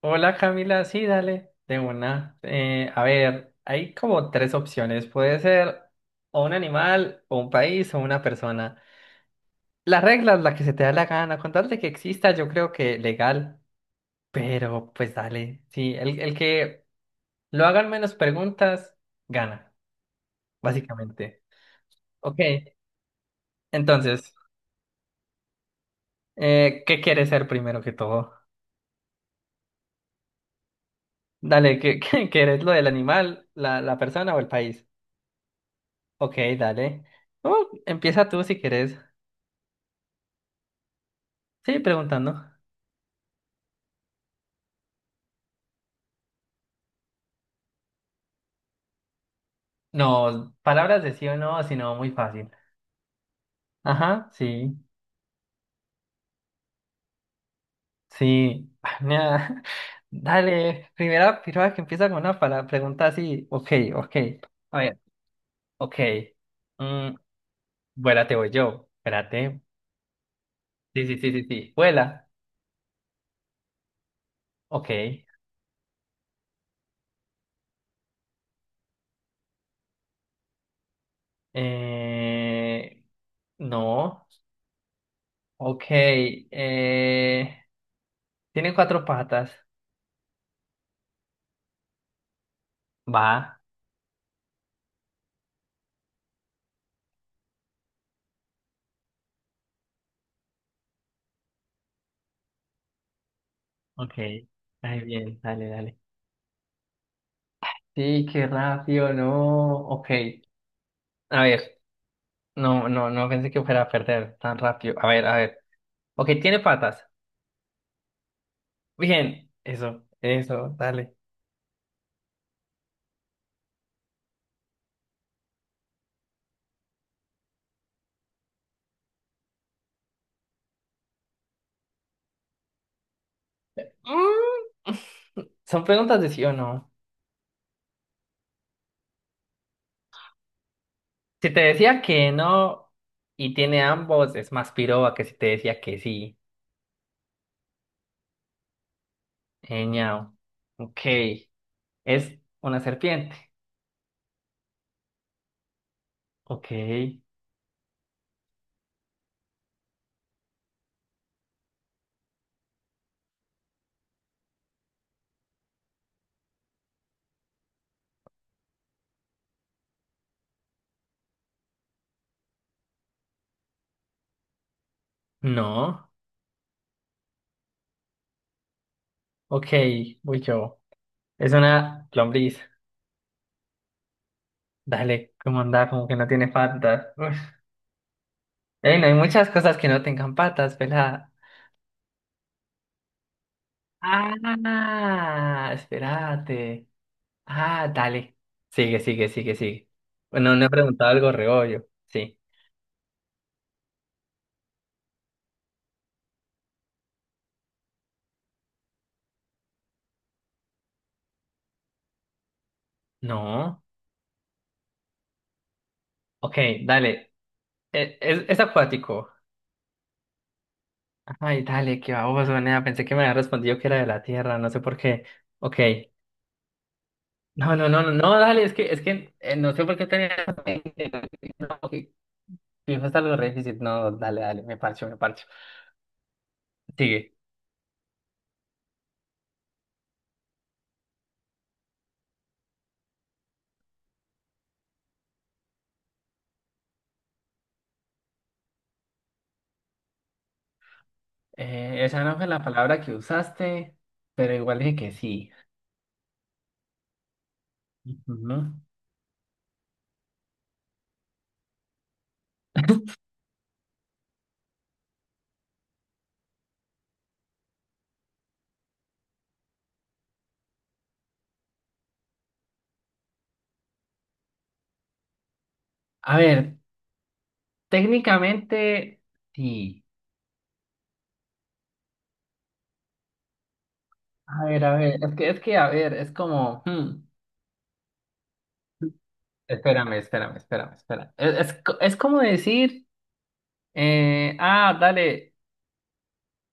Hola Camila, sí, dale, de una. A ver, hay como tres opciones. Puede ser o un animal, o un país, o una persona. Las reglas, la que se te da la gana, con tal de que exista, yo creo que legal, pero pues dale, sí, el que lo hagan menos preguntas, gana, básicamente. Ok, entonces, ¿qué quieres ser primero que todo? Dale, ¿qué, qué quieres lo del animal, la persona o el país? Ok, dale. Oh, empieza tú si quieres. Sí, preguntando. No, palabras de sí o no, sino muy fácil. Ajá, sí, sí. Ah, mira, Dale, primera piroa que empieza con una pregunta así. Ok, ok. A ver, ok. Mm, Vuela, te voy yo. Espérate. Sí, sí, sí, sí, sí. Vuela. Ok. Eh, no. Ok. Tiene cuatro patas. Va. Ok. Ay, bien, dale, dale. Sí, qué rápido, no. Ok, a ver, no, no, no pensé que fuera a perder tan rápido. A ver, a ver. Ok, tiene patas. Bien, eso, dale. Mm, son preguntas de sí o no. Si te decía que no y tiene ambos, es más piroba que si te decía que sí. Eñao. Ok, es una serpiente. Ok, no. Ok, voy yo. Es una lombriz. Dale, ¿cómo anda? Como que no tiene patas. Ey, no hay muchas cosas que no tengan patas, pelada. Ah, espérate. Ah, dale. Sigue, sigue, sigue, sigue. Bueno, no he preguntado algo reollo. Sí. No. Ok, dale. Es acuático. Ay, dale, qué baboso, nea. Pensé que me había respondido que era de la tierra, no sé por qué. Ok. No, no, no, no, no, dale, es que no sé por qué tenía. No, ok, fijo, está algo re difícil. No, dale, dale, me parcho, me parcho. Sigue. Esa no fue la palabra que usaste, pero igual dije que sí, ¿no? A ver, técnicamente sí. A ver, es que, a ver, es como, espérame. Es como decir, dale,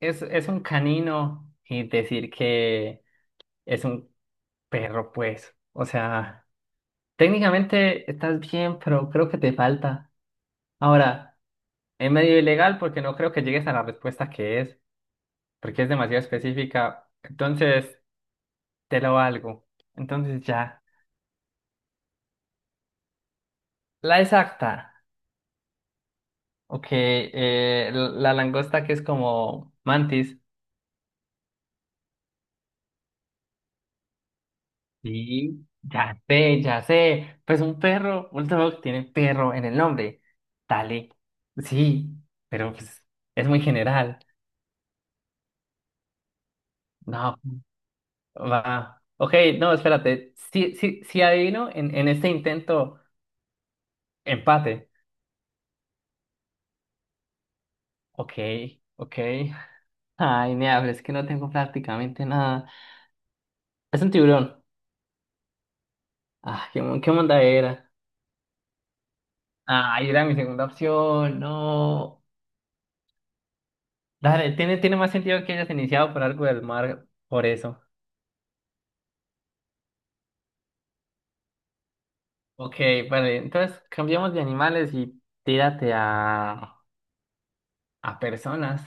es un canino y decir que es un perro, pues. O sea, técnicamente estás bien, pero creo que te falta. Ahora, es medio ilegal porque no creo que llegues a la respuesta que es, porque es demasiado específica. Entonces, te lo valgo. Entonces, ya. La exacta. Ok, la langosta que es como mantis. Sí. Ya sé, ya sé. Pues un perro, un dog tiene perro en el nombre. Dale. Sí, pero pues, es muy general. No, va. Ok, no, espérate. Si, si, si adivino en este intento, empate. Ok, ok. Ay, me habla, es que no tengo prácticamente nada. Es un tiburón. Ah, qué monda era. Ay, era mi segunda opción. No. Dale, tiene más sentido que hayas iniciado por algo del mar, por eso. Ok, vale, entonces cambiamos de animales y tírate a personas.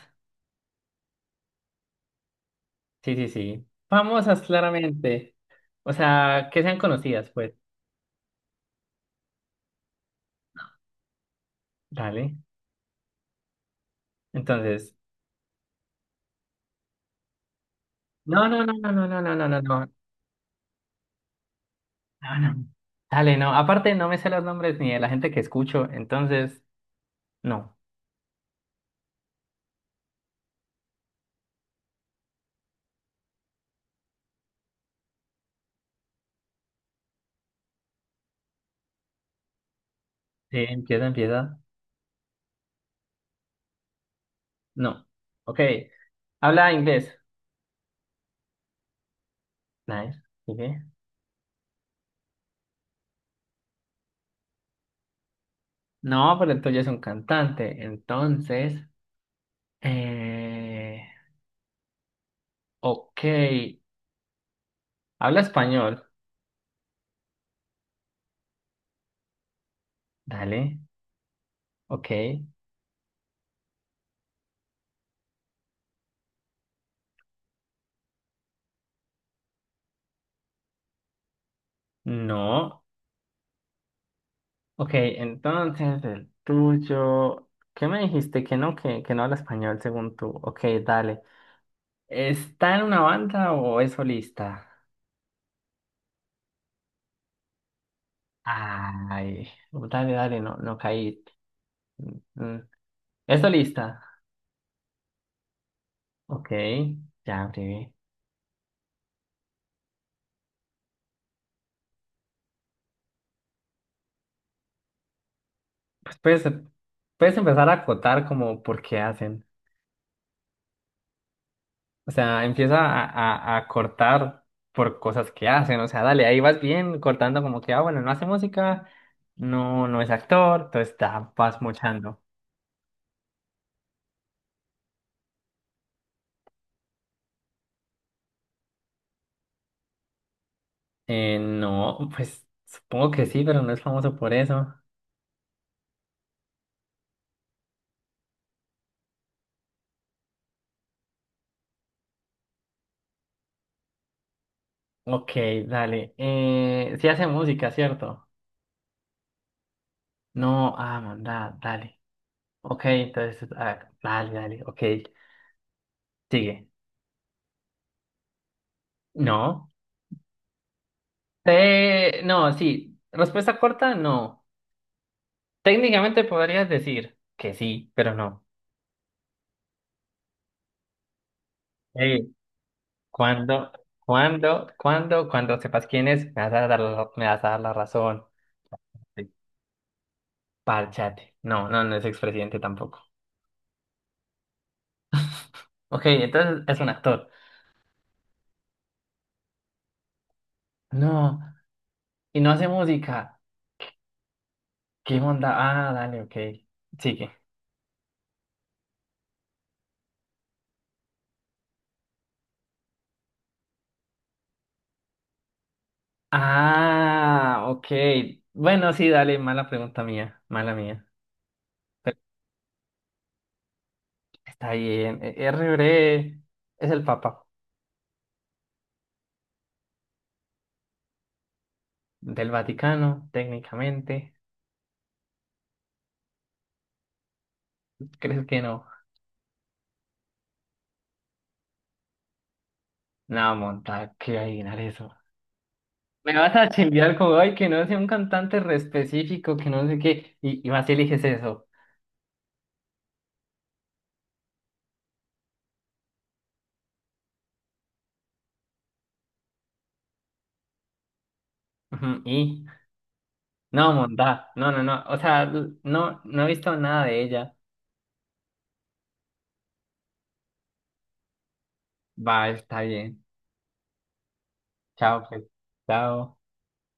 Sí, sí, sí. Famosas, claramente. O sea, que sean conocidas, pues. Dale. Entonces. No, no, no, no, no, no, no, no, no, no. No, no. Dale, no. Aparte, no me sé los nombres ni de la gente que escucho, entonces, no. Sí, empieza, empieza. No. Ok. Habla inglés. Nice. Sigue. No, pero el tuyo es un cantante. Entonces, eh... ok. Habla español. Dale. Ok. No. Ok, entonces el tuyo. ¿Qué me dijiste? Que no, que no habla español según tú. Ok, dale. ¿Está en una banda o es solista? Ay, dale, dale, no, no caí. Mm. ¿Esto lista? Ok, ya abrí. Pues puedes, puedes empezar a acotar como por qué hacen. O sea, empieza a cortar por cosas que hacen. O sea, dale, ahí vas bien cortando como que, ah, bueno, no hace música, no es actor, entonces ya vas mochando. No, pues supongo que sí, pero no es famoso por eso. Ok, dale. Sí hace música, ¿cierto? No, ah, manda, dale. Ok, entonces, ah, dale, dale, ok, sigue. No. Te... No, sí. Respuesta corta, no. Técnicamente podrías decir que sí, pero no. Ey, Cuando, cuando sepas quién es, me vas a dar la, me vas a dar la razón. Sí. Párchate. No, no, no es expresidente tampoco. Ok, entonces es un actor. No, y no hace música. ¿Qué onda? Ah, dale, ok. Sigue. Ah, ok. Bueno, sí, dale, mala pregunta mía, mala mía. Pero está bien. E- R. Bre es el Papa del Vaticano, técnicamente. ¿Crees que no? No, monta, que adivinar eso. Me vas a chimbiar como, ay, que no sea un cantante re específico, que no sé qué, y vas y eliges eso. Ujú, Y, no, monta, no, no, no, o sea, no, no he visto nada de ella. Va, está bien. Chao, pues. Chao.